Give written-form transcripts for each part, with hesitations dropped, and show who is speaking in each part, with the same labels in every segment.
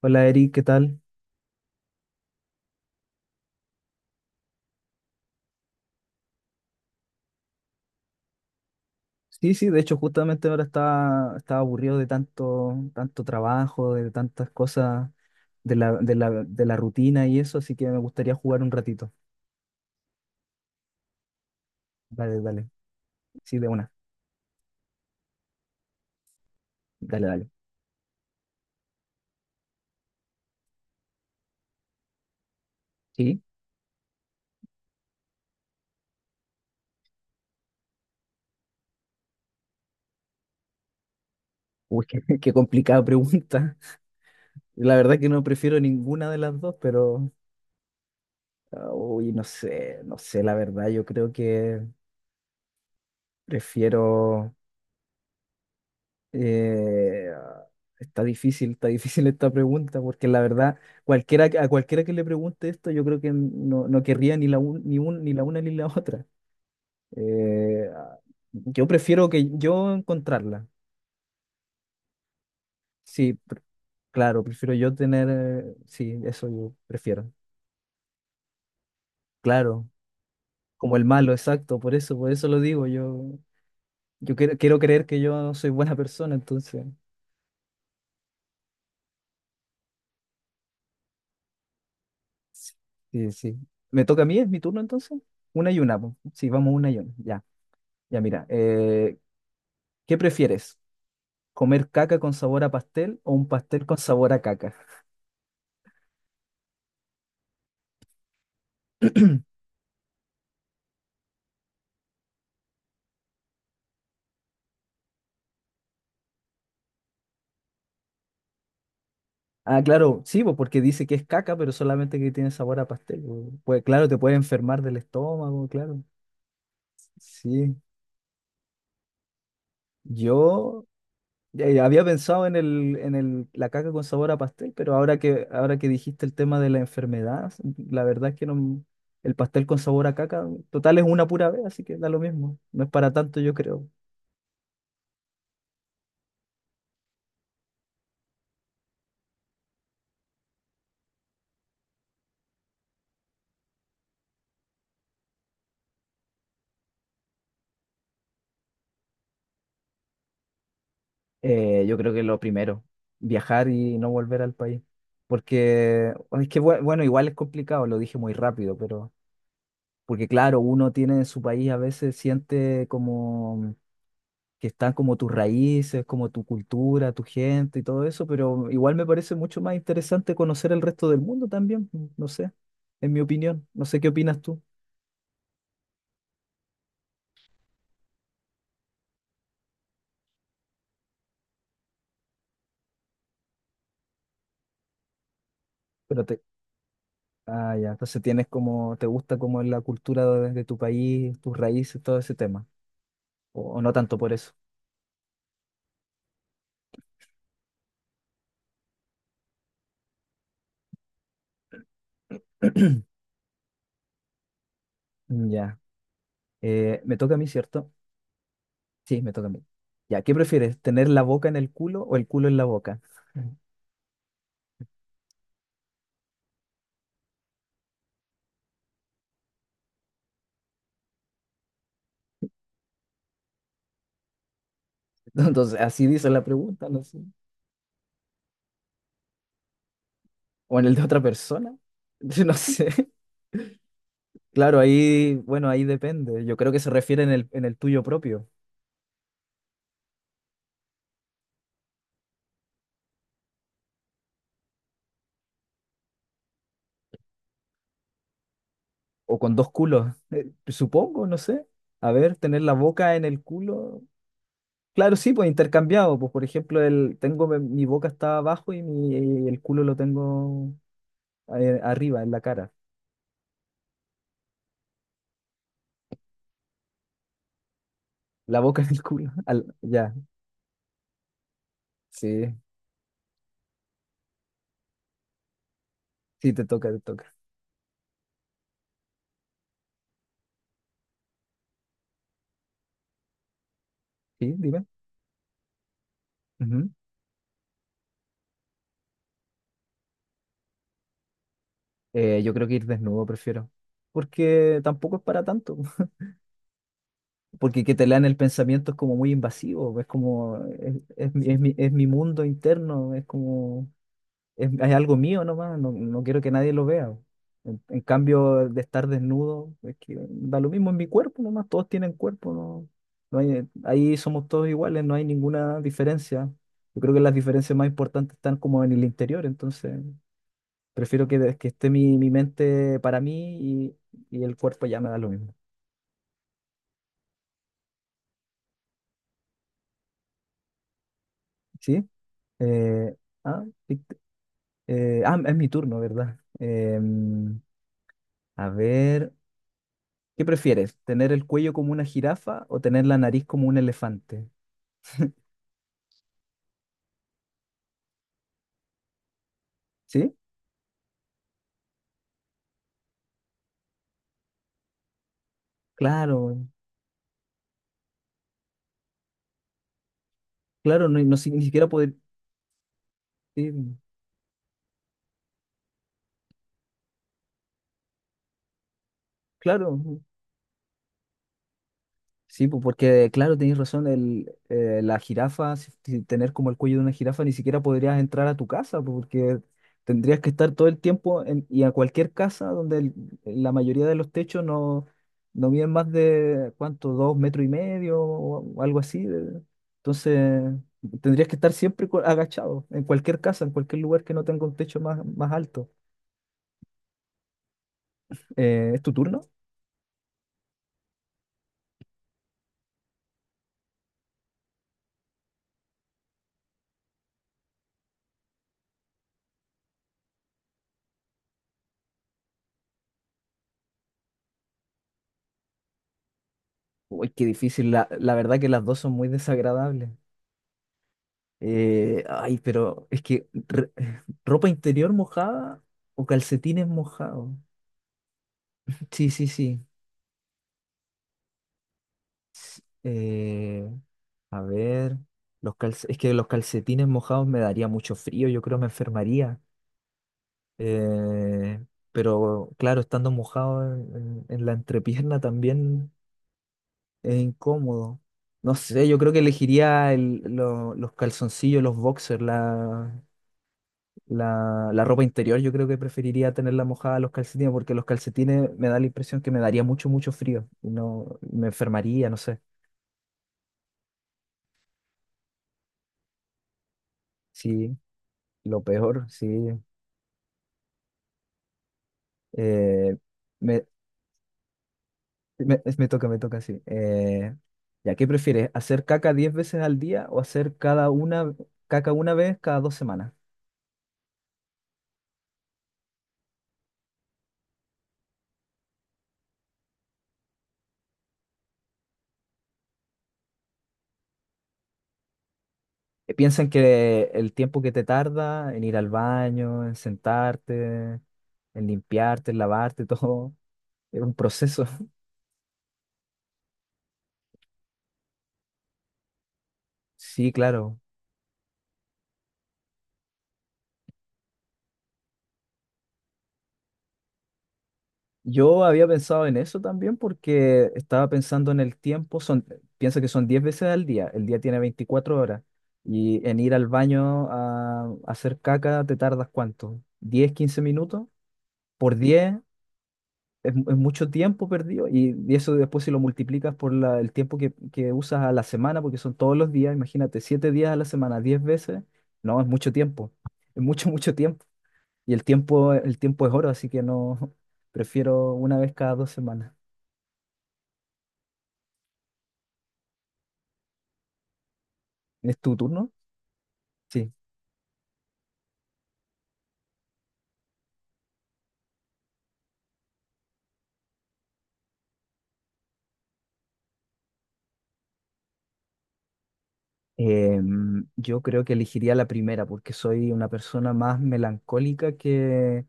Speaker 1: Hola Eric, ¿qué tal? Sí, sí, de hecho justamente ahora estaba aburrido de tanto trabajo, de tantas cosas, de la rutina y eso, así que me gustaría jugar un ratito. Dale, dale. Sí, de una. Dale, dale. Sí. Uy, qué complicada pregunta. La verdad que no prefiero ninguna de las dos, pero, ah, uy, no sé, no sé, la verdad, yo creo que prefiero. Eh, está difícil, está difícil esta pregunta, porque la verdad, a cualquiera que le pregunte esto, yo creo que no querría ni la una ni la otra. Eh, yo prefiero que yo encontrarla. Sí, claro, prefiero yo tener, sí, eso yo prefiero. Claro, como el malo, exacto, por eso lo digo, yo quiero creer que yo soy buena persona, entonces. Sí, sí. ¿Me toca a mí? ¿Es mi turno entonces? Una y una. Po. Sí, vamos una y una. Ya, ya mira. ¿Qué prefieres? ¿Comer caca con sabor a pastel o un pastel con sabor a caca? Ah, claro, sí, po, porque dice que es caca, pero solamente que tiene sabor a pastel. Po. Pues claro, te puede enfermar del estómago, claro. Sí. Yo. Había pensado en el, la caca con sabor a pastel, pero ahora que dijiste el tema de la enfermedad, la verdad es que no, el pastel con sabor a caca, total es una pura vez, así que da lo mismo. No es para tanto, yo creo. Yo creo que lo primero, viajar y no volver al país. Porque es que, bueno, igual es complicado, lo dije muy rápido, pero porque claro, uno tiene en su país a veces siente como que están como tus raíces, como tu cultura, tu gente y todo eso, pero igual me parece mucho más interesante conocer el resto del mundo también, no sé, en mi opinión, no sé qué opinas tú, pero te. Ah, ya, entonces tienes como, te gusta como la cultura de tu país, tus raíces, todo ese tema, o no tanto por eso. Ya. Me toca a mí, ¿cierto? Sí, me toca a mí. Ya, ¿qué prefieres, tener la boca en el culo o el culo en la boca? Entonces, así dice la pregunta, no sé. O en el de otra persona, no sé. Claro, ahí, bueno, ahí depende. Yo creo que se refiere en el tuyo propio. O con dos culos. Supongo, no sé. A ver, tener la boca en el culo. Claro, sí, pues intercambiado. Pues por ejemplo, tengo mi boca está abajo y, el culo lo tengo arriba, en la cara. La boca en el culo. Ya, sí. Sí, te toca, te toca. Sí, dime. Ujú. Yo creo que ir desnudo prefiero. Porque tampoco es para tanto. Porque que te lean el pensamiento es como muy invasivo, es como, es mi, es mi- es mi mundo interno, hay algo mío nomás, no quiero que nadie lo vea. En cambio, de estar desnudo, es que da lo mismo en mi cuerpo nomás, todos tienen cuerpo, no, no hay- ahí somos todos iguales, no hay ninguna diferencia. Yo creo que las diferencias más importantes están como en el interior, entonces prefiero que esté mi mente para mí y el cuerpo ya me da lo mismo. ¿Sí? Eh, ah, es mi turno, ¿verdad? A ver, ¿qué prefieres? ¿Tener el cuello como una jirafa o tener la nariz como un elefante? ¿Sí? Claro, claro, ni siquiera poder. Sí, claro, sí, pues, porque claro, tenéis razón, la jirafa, si tener como el cuello de una jirafa, ni siquiera podrías entrar a tu casa, pues, porque tendrías que estar todo el tiempo y a cualquier casa donde la mayoría de los techos no miden más de, ¿cuánto? Dos metros y medio o algo así. Entonces, tendrías que estar siempre agachado, en cualquier casa, en cualquier lugar que no tenga un techo más, más alto. ¿Es tu turno? Uy, qué difícil, la verdad que las dos son muy desagradables. Ay, pero es que ropa interior mojada o calcetines mojados. Sí, sí, sí. Eh, a ver, es que los calcetines mojados me daría mucho frío, yo creo me enfermaría. Eh, pero claro, estando mojado en la entrepierna también es incómodo. No sé, yo creo que elegiría los calzoncillos, los boxers. La ropa interior yo creo que preferiría tenerla mojada a los calcetines porque los calcetines me da la impresión que me daría mucho, mucho frío y no me enfermaría, no sé. Sí, lo peor, sí. Eh, me, me toca, me toca, sí. ¿Ya qué prefieres? ¿Hacer caca 10 veces al día o hacer cada una caca una vez cada 2 semanas? Piensa en que el tiempo que te tarda en ir al baño, en sentarte, en limpiarte, en lavarte, todo, es un proceso. Sí, claro. Yo había pensado en eso también porque estaba pensando en el tiempo, son, piensa que son 10 veces al día, el día tiene 24 horas y en ir al baño a hacer caca te tardas cuánto, 10 15 minutos, por 10 es mucho tiempo perdido y eso después si lo multiplicas por el tiempo que usas a la semana, porque son todos los días, imagínate, 7 días a la semana, 10 veces, no, es mucho tiempo, es mucho, mucho tiempo y el tiempo es oro, así que no, prefiero una vez cada 2 semanas. ¿Es tu turno? Sí. Yo creo que elegiría la primera porque soy una persona más melancólica que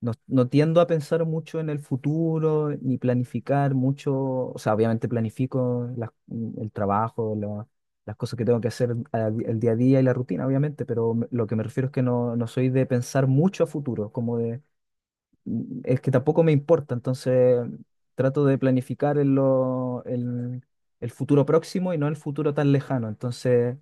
Speaker 1: no tiendo a pensar mucho en el futuro ni planificar mucho. O sea, obviamente planifico el trabajo, las cosas que tengo que hacer el día a día y la rutina, obviamente, pero lo que me refiero es que no soy de pensar mucho a futuro, como de es que tampoco me importa, entonces trato de planificar en en el futuro próximo y no el futuro tan lejano. Entonces,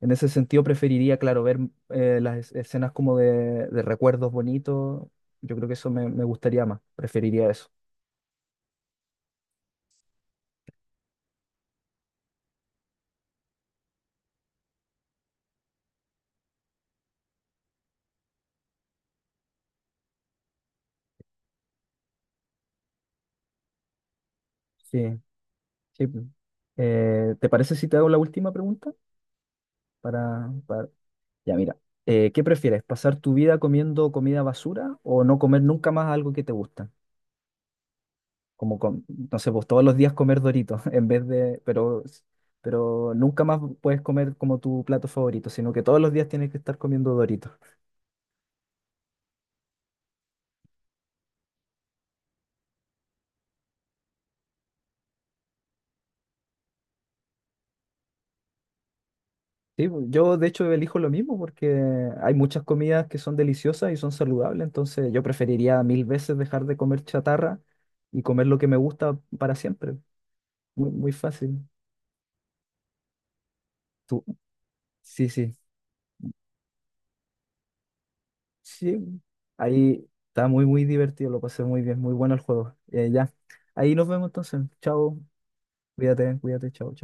Speaker 1: en ese sentido, preferiría, claro, ver las escenas como de recuerdos bonitos. Yo creo que eso me gustaría más, preferiría eso. Sí, sí. Pues. ¿Te parece si te hago la última pregunta? Para, para. Ya, mira. ¿Qué prefieres? ¿Pasar tu vida comiendo comida basura o no comer nunca más algo que te gusta? como com- no sé, pues todos los días comer Doritos en vez de, pero nunca más puedes comer como tu plato favorito, sino que todos los días tienes que estar comiendo Doritos. Sí, pues, yo de hecho elijo lo mismo porque hay muchas comidas que son deliciosas y son saludables, entonces yo preferiría mil veces dejar de comer chatarra y comer lo que me gusta para siempre. Muy, muy fácil. Tú- Sí, sí, sí. Ahí está muy, muy divertido, lo pasé muy bien, muy bueno el juego. Ya, ahí nos vemos entonces. Chao. Cuídate, cuídate, chao, chao.